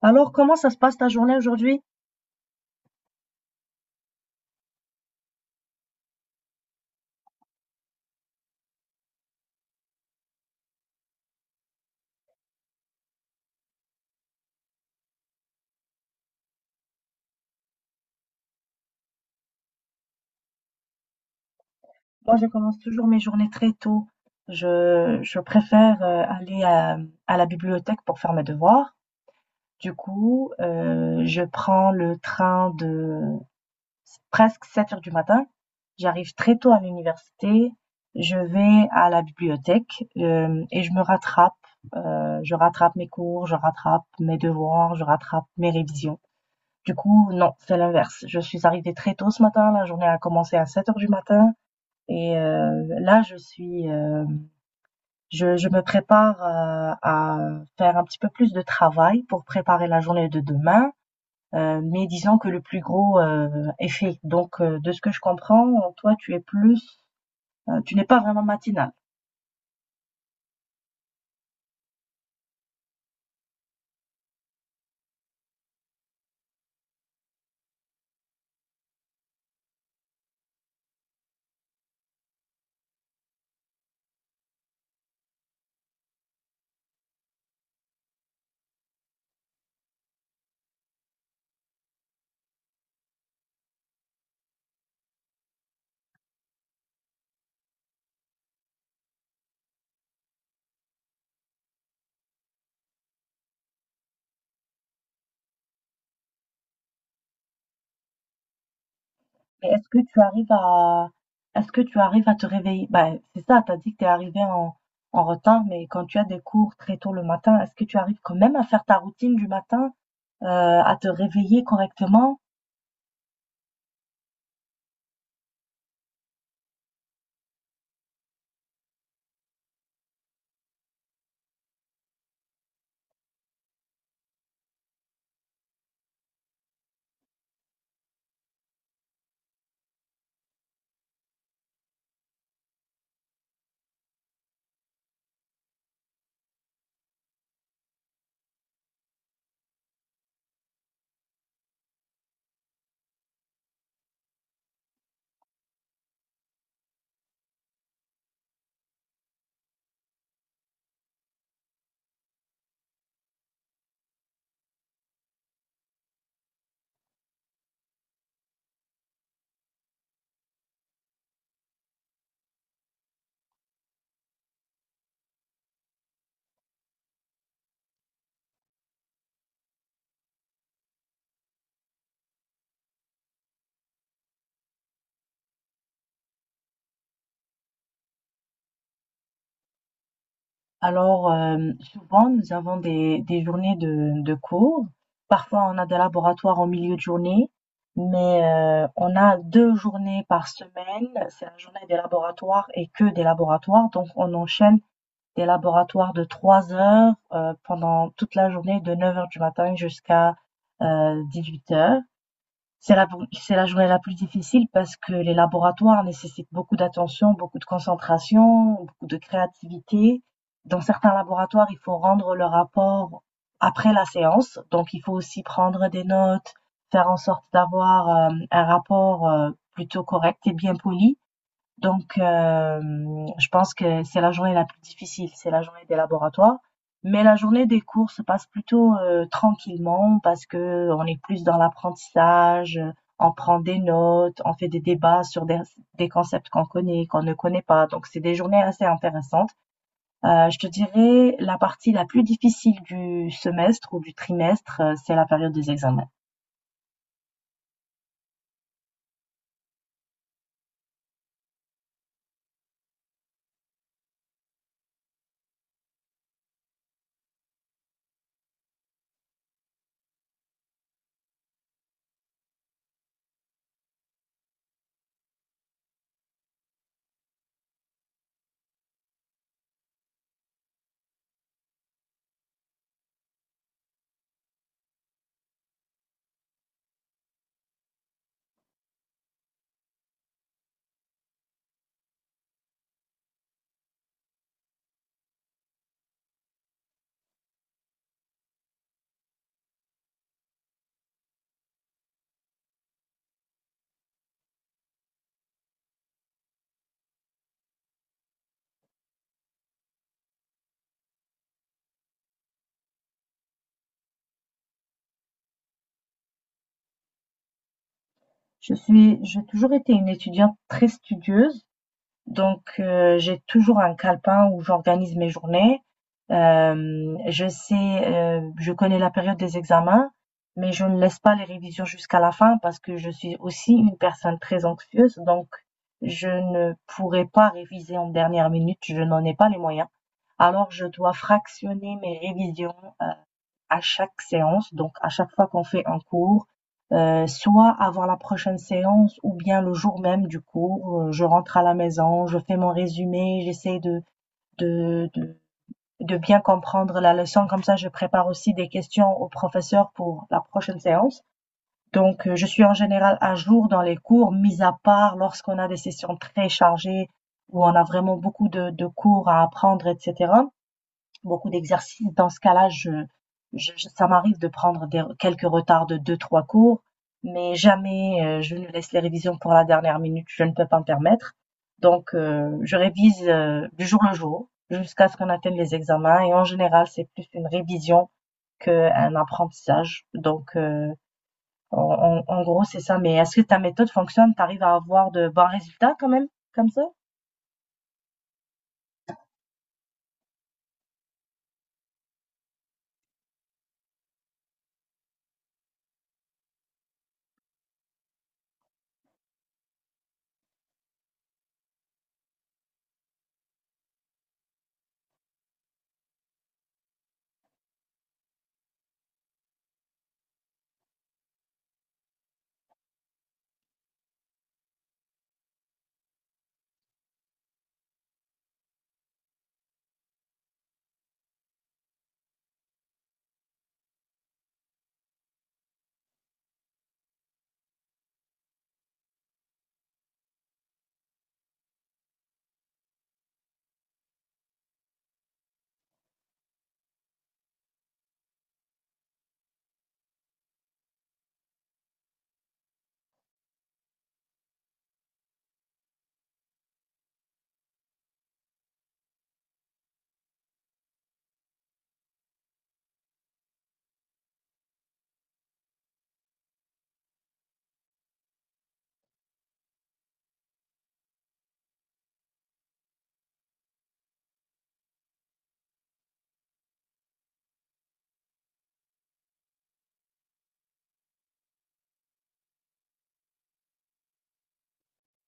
Alors, comment ça se passe ta journée aujourd'hui? Moi, je commence toujours mes journées très tôt. Je préfère aller à la bibliothèque pour faire mes devoirs. Du coup, je prends le train de presque 7 heures du matin. J'arrive très tôt à l'université. Je vais à la bibliothèque et je me rattrape. Je rattrape mes cours, je rattrape mes devoirs, je rattrape mes révisions. Du coup, non, c'est l'inverse. Je suis arrivée très tôt ce matin. La journée a commencé à 7 heures du matin. Et là, je suis, je me prépare, à faire un petit peu plus de travail pour préparer la journée de demain, mais disons que le plus gros, est fait. Donc de ce que je comprends, toi, tu es plus, tu n'es pas vraiment matinale. Mais est-ce que tu arrives à Est-ce que tu arrives à te réveiller? Ben, c'est ça. T'as dit que t'es arrivé en retard, mais quand tu as des cours très tôt le matin, est-ce que tu arrives quand même à faire ta routine du matin, à te réveiller correctement? Alors, souvent, nous avons des journées de cours. Parfois, on a des laboratoires en milieu de journée, mais on a deux journées par semaine. C'est la journée des laboratoires et que des laboratoires. Donc, on enchaîne des laboratoires de 3 heures pendant toute la journée, de 9 heures du matin jusqu'à 8 heures. C'est la, c'est la journée la plus difficile parce que les laboratoires nécessitent beaucoup d'attention, beaucoup de concentration, beaucoup de créativité. Dans certains laboratoires, il faut rendre le rapport après la séance, donc il faut aussi prendre des notes, faire en sorte d'avoir un rapport plutôt correct et bien poli. Donc, je pense que c'est la journée la plus difficile, c'est la journée des laboratoires. Mais la journée des cours se passe plutôt, tranquillement parce que on est plus dans l'apprentissage, on prend des notes, on fait des débats sur des concepts qu'on connaît, qu'on ne connaît pas. Donc c'est des journées assez intéressantes. Je te dirais la partie la plus difficile du semestre ou du trimestre, c'est la période des examens. Je suis J'ai toujours été une étudiante très studieuse. Donc, j'ai toujours un calepin où j'organise mes journées. Je je connais la période des examens, mais je ne laisse pas les révisions jusqu'à la fin parce que je suis aussi une personne très anxieuse, donc je ne pourrais pas réviser en dernière minute, je n'en ai pas les moyens. Alors je dois fractionner mes révisions, heu à chaque séance, donc à chaque fois qu'on fait un cours, soit avant la prochaine séance ou bien le jour même du cours, je rentre à la maison, je fais mon résumé, j'essaie de, de, de bien comprendre la leçon, comme ça je prépare aussi des questions au professeur pour la prochaine séance. Donc je suis en général à jour dans les cours, mis à part lorsqu'on a des sessions très chargées où on a vraiment beaucoup de cours à apprendre, etc, beaucoup d'exercices. Dans ce cas-là, ça m'arrive de prendre quelques retards de deux, trois cours, mais jamais je ne laisse les révisions pour la dernière minute. Je ne peux pas me permettre. Donc, je révise du jour le jour jusqu'à ce qu'on atteigne les examens. Et en général, c'est plus une révision qu'un apprentissage. Donc, en gros, c'est ça. Mais est-ce que ta méthode fonctionne? T'arrives à avoir de bons résultats quand même, comme ça?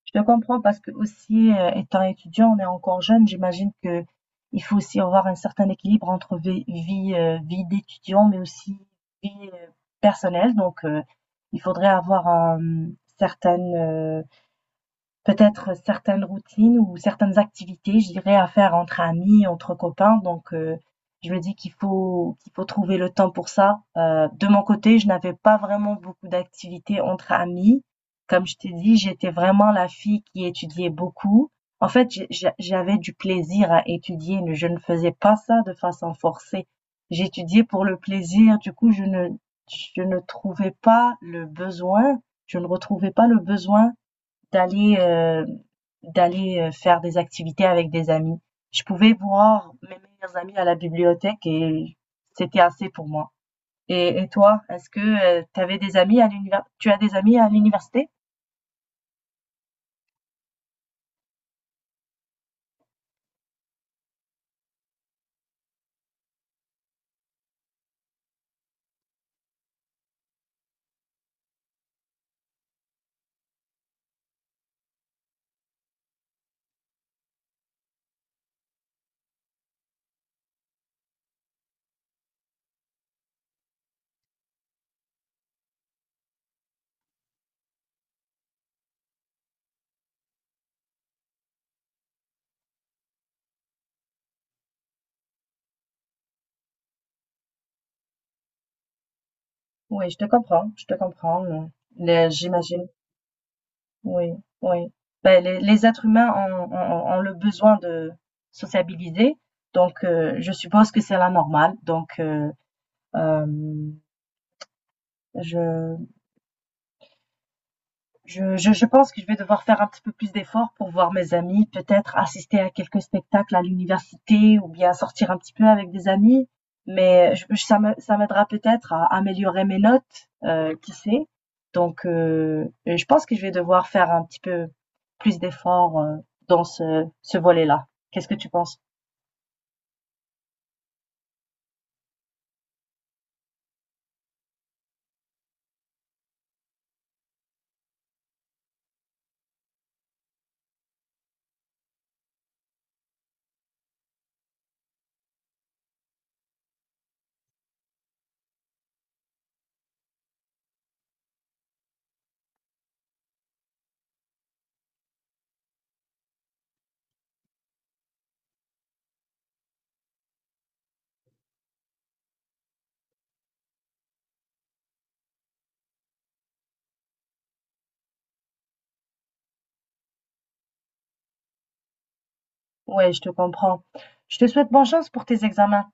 Je te comprends parce que aussi, étant étudiant, on est encore jeune. J'imagine que il faut aussi avoir un certain équilibre entre vie d'étudiant, mais aussi vie personnelle. Donc, il faudrait avoir un certain peut-être certaines routines ou certaines activités, je dirais, à faire entre amis, entre copains. Donc, je me dis qu'il faut trouver le temps pour ça. De mon côté, je n'avais pas vraiment beaucoup d'activités entre amis. Comme je t'ai dit, j'étais vraiment la fille qui étudiait beaucoup. En fait, j'avais du plaisir à étudier, mais je ne faisais pas ça de façon forcée. J'étudiais pour le plaisir, du coup, je ne trouvais pas le besoin je ne retrouvais pas le besoin d'aller euh, d'aller faire des activités avec des amis. Je pouvais voir mes meilleurs amis à la bibliothèque et c'était assez pour moi. Et toi, est-ce que tu avais des amis à l'univers tu as des amis à l'université? Oui, je te comprends, je te comprends. J'imagine. Oui, oui. Ben, les êtres humains ont le besoin de sociabiliser, donc je suppose que c'est la normale. Donc euh, je je pense que je vais devoir faire un petit peu plus d'efforts pour voir mes amis, peut-être assister à quelques spectacles à l'université ou bien sortir un petit peu avec des amis. Mais ça m'aidera peut-être à améliorer mes notes, qui sait. Donc, je pense que je vais devoir faire un petit peu plus d'efforts, dans ce volet-là. Qu'est-ce que tu penses? Ouais, je te comprends. Je te souhaite bonne chance pour tes examens.